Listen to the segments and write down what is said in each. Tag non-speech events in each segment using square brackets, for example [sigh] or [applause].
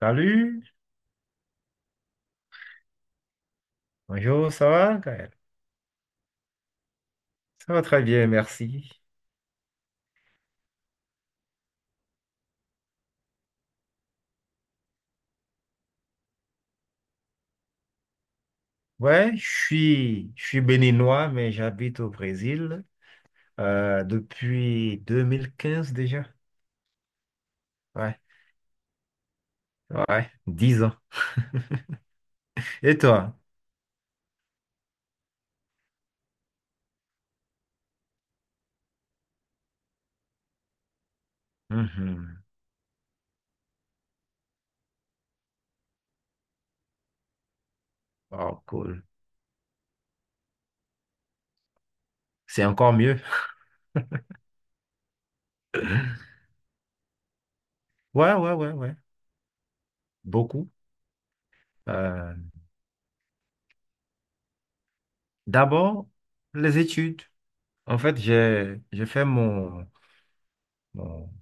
Salut, bonjour, ça va, Gaël? Ça va très bien, merci. Ouais, je suis béninois, mais j'habite au Brésil depuis 2015 déjà. Ouais, ouais, 10 ans. Et toi? Mhm. Oh, cool. C'est encore mieux. Ouais, ouais, ouais, ouais, beaucoup. Euh, D'abord, les études. En fait, j'ai fait mon-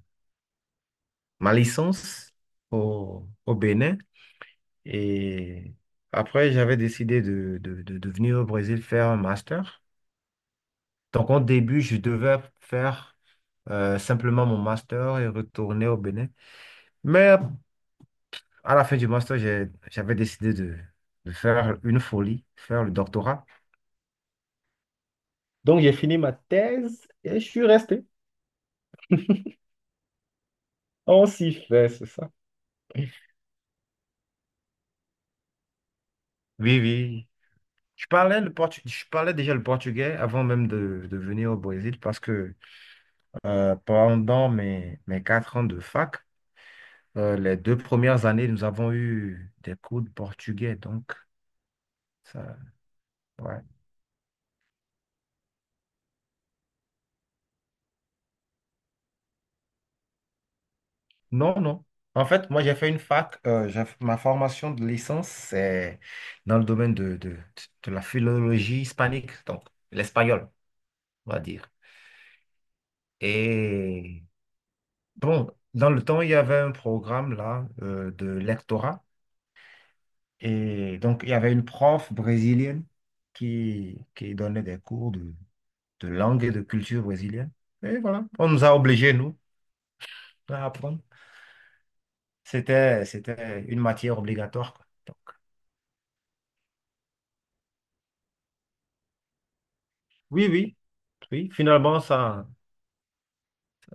ma licence au Bénin. Et après, j'avais décidé de venir au Brésil faire un master. Donc, au début, je devais faire simplement mon master et retourner au Bénin. Mais à la fin du master, j'avais décidé de faire une folie, faire le doctorat. Donc, j'ai fini ma thèse et je suis resté. On s'y fait, c'est ça. Oui, oui. Je parlais déjà le portugais avant même de venir au Brésil parce que pendant mes 4 ans de fac. Les deux premières années, nous avons eu des cours de portugais, donc ça, ouais. Non, non. En fait, moi, j'ai fait une fac. Ma formation de licence, c'est dans le domaine de la philologie hispanique, donc l'espagnol, on va dire. Et bon, dans le temps, il y avait un programme là de lectorat. Et donc, il y avait une prof brésilienne qui donnait des cours de langue et de culture brésilienne. Et voilà, on nous a obligés, nous, à apprendre. C'était une matière obligatoire, quoi. Donc, oui, oui, oui. Finalement,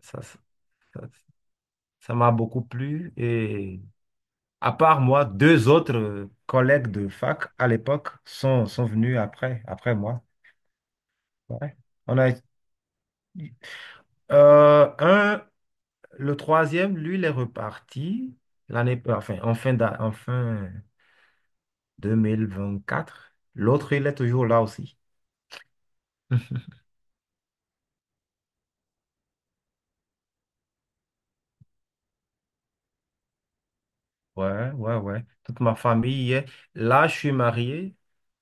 ça, ça, ça- ça m'a beaucoup plu. Et à part moi, deux autres collègues de fac à l'époque sont venus après, après moi. Ouais. On a, euh, un, le troisième, lui, il est reparti l'année, enfin, en fin d'a- en fin 2024. L'autre, il est toujours là aussi. Ouais, ouais, ouais. Toute ma famille y est. Là, je suis marié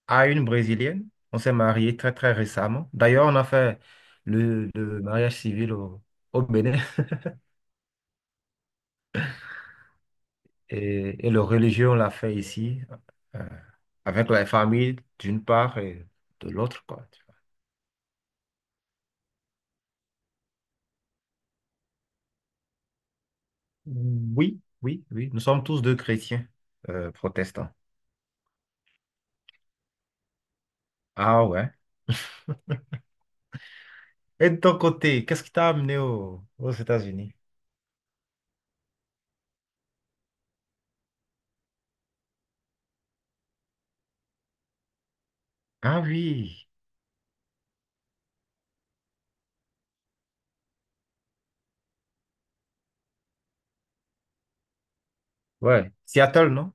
à une Brésilienne. On s'est marié très, très récemment. D'ailleurs, on a fait le mariage civil au Bénin et le religieux, on l'a fait ici, euh, avec la famille d'une part et de l'autre, quoi. Tu vois. Oui, oui, oui. Nous sommes tous deux chrétiens protestants. Ah ouais. Et de ton côté, qu'est-ce qui t'a amené aux États-Unis? Ah oui. Ouais. Seattle, non?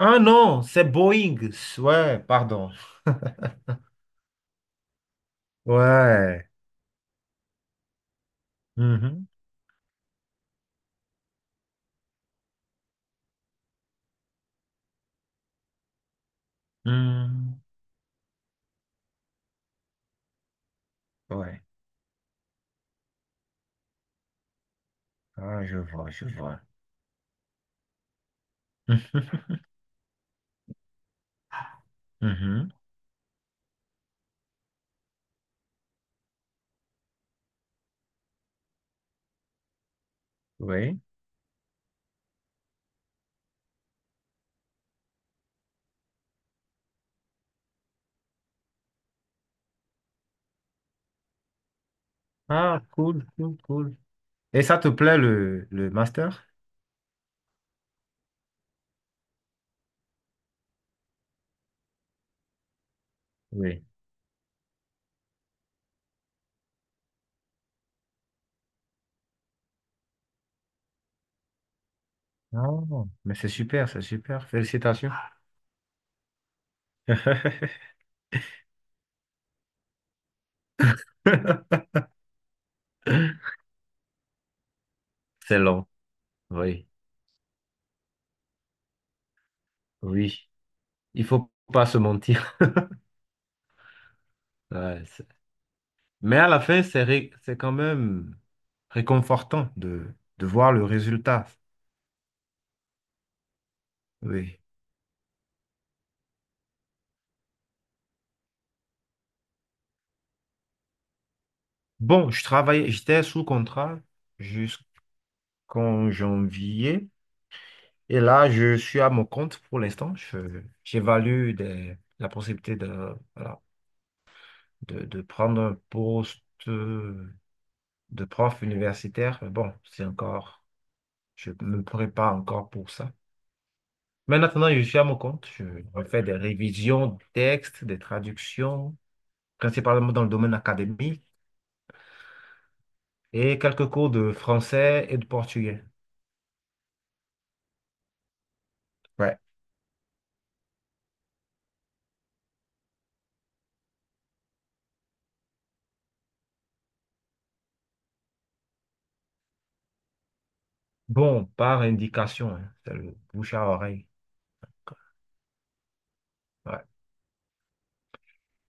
Ah non, c'est Boeing. Ouais, pardon. Ouais. Mhm. Mhm. Ouais. Ah, je vois, je vois. Mhm. Mhm. Oui. Ah, cool, cool, cool. Et ça te plaît le master? Oui. Oh, mais c'est super, c'est super. Félicitations. [laughs] C'est long, oui, oui. Il faut pas se mentir. [laughs] Ouais, c'est- mais à la fin, c'est quand même réconfortant de voir le résultat. Oui. Bon, je travaillais, j'étais sous contrat jusqu'en janvier. Et là, je suis à mon compte pour l'instant. J'évalue la possibilité de, voilà, de prendre un poste de prof universitaire. Mais bon, c'est encore, je me prépare encore pour ça. Mais maintenant, je suis à mon compte. Je refais des révisions de textes, des traductions, principalement dans le domaine académique, et quelques cours de français et de portugais. Ouais. Bon, par indication, hein, c'est le bouche à oreille. Ouais.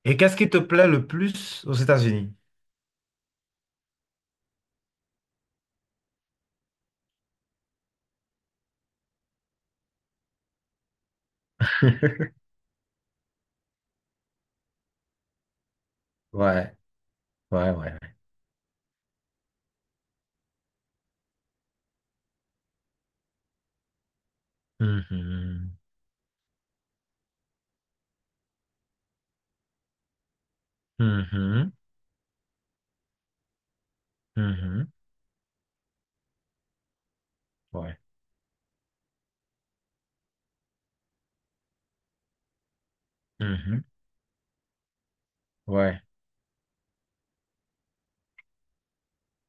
Et qu'est-ce qui te plaît le plus aux États-Unis? [laughs] Ouais, ouais, ouais, ouais. Mhm, mhm, mhm, ouais, mhm, ouais.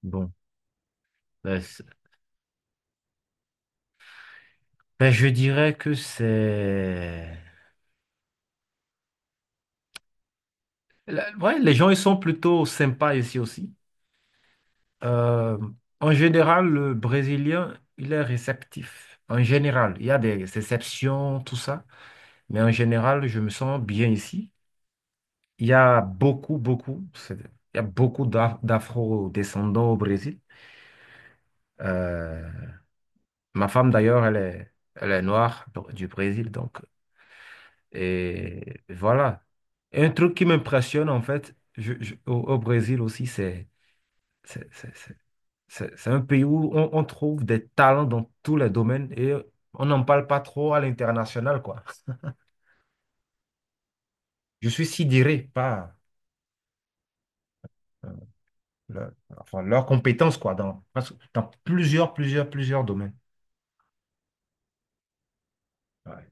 Bon, ben, c'est- ben, je dirais que c'est... La- ouais, les gens, ils sont plutôt sympas ici aussi. Euh, En général, le Brésilien, il est réceptif. En général, il y a des exceptions, tout ça. Mais en général, je me sens bien ici. Il y a beaucoup, beaucoup, il y a beaucoup d'afro-descendants au Brésil. Euh, Ma femme, d'ailleurs, elle est noire donc, du Brésil, donc. Et voilà. Et un truc qui m'impressionne, en fait, au, au Brésil aussi, c'est, c'est- c'est- c'est un pays où on trouve des talents dans tous les domaines et on n'en parle pas trop à l'international, quoi. Je suis sidéré par euh, leur- enfin, leurs compétences, quoi, dans plusieurs domaines. Ouais.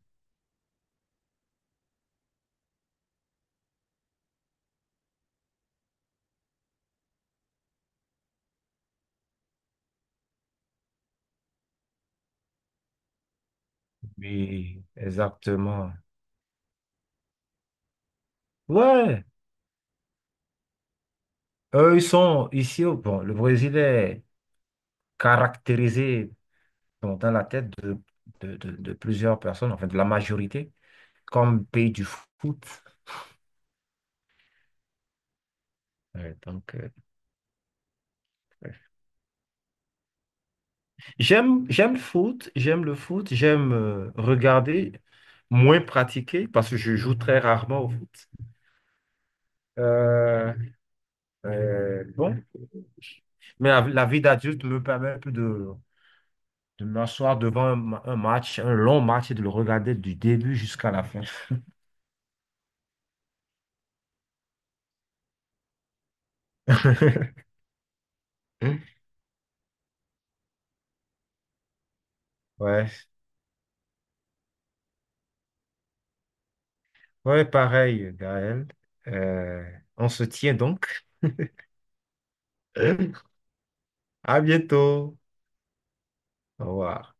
Oui, exactement. Ouais, eux, ils sont ici. Bon, le Brésil est caractérisé bon, dans la tête de plusieurs personnes, enfin de la majorité, comme pays du foot. Ouais, donc, j'aime, j'aime le foot, j'aime le foot, j'aime regarder, moins pratiquer, parce que je joue très rarement au foot. Euh, bon, mais la vie d'adulte me permet un peu de m'asseoir devant un match, un long match, et de le regarder du début jusqu'à la fin. [laughs] Ouais, ouais, pareil, Gaël. Euh, on se tient donc. [laughs] À bientôt. Au revoir.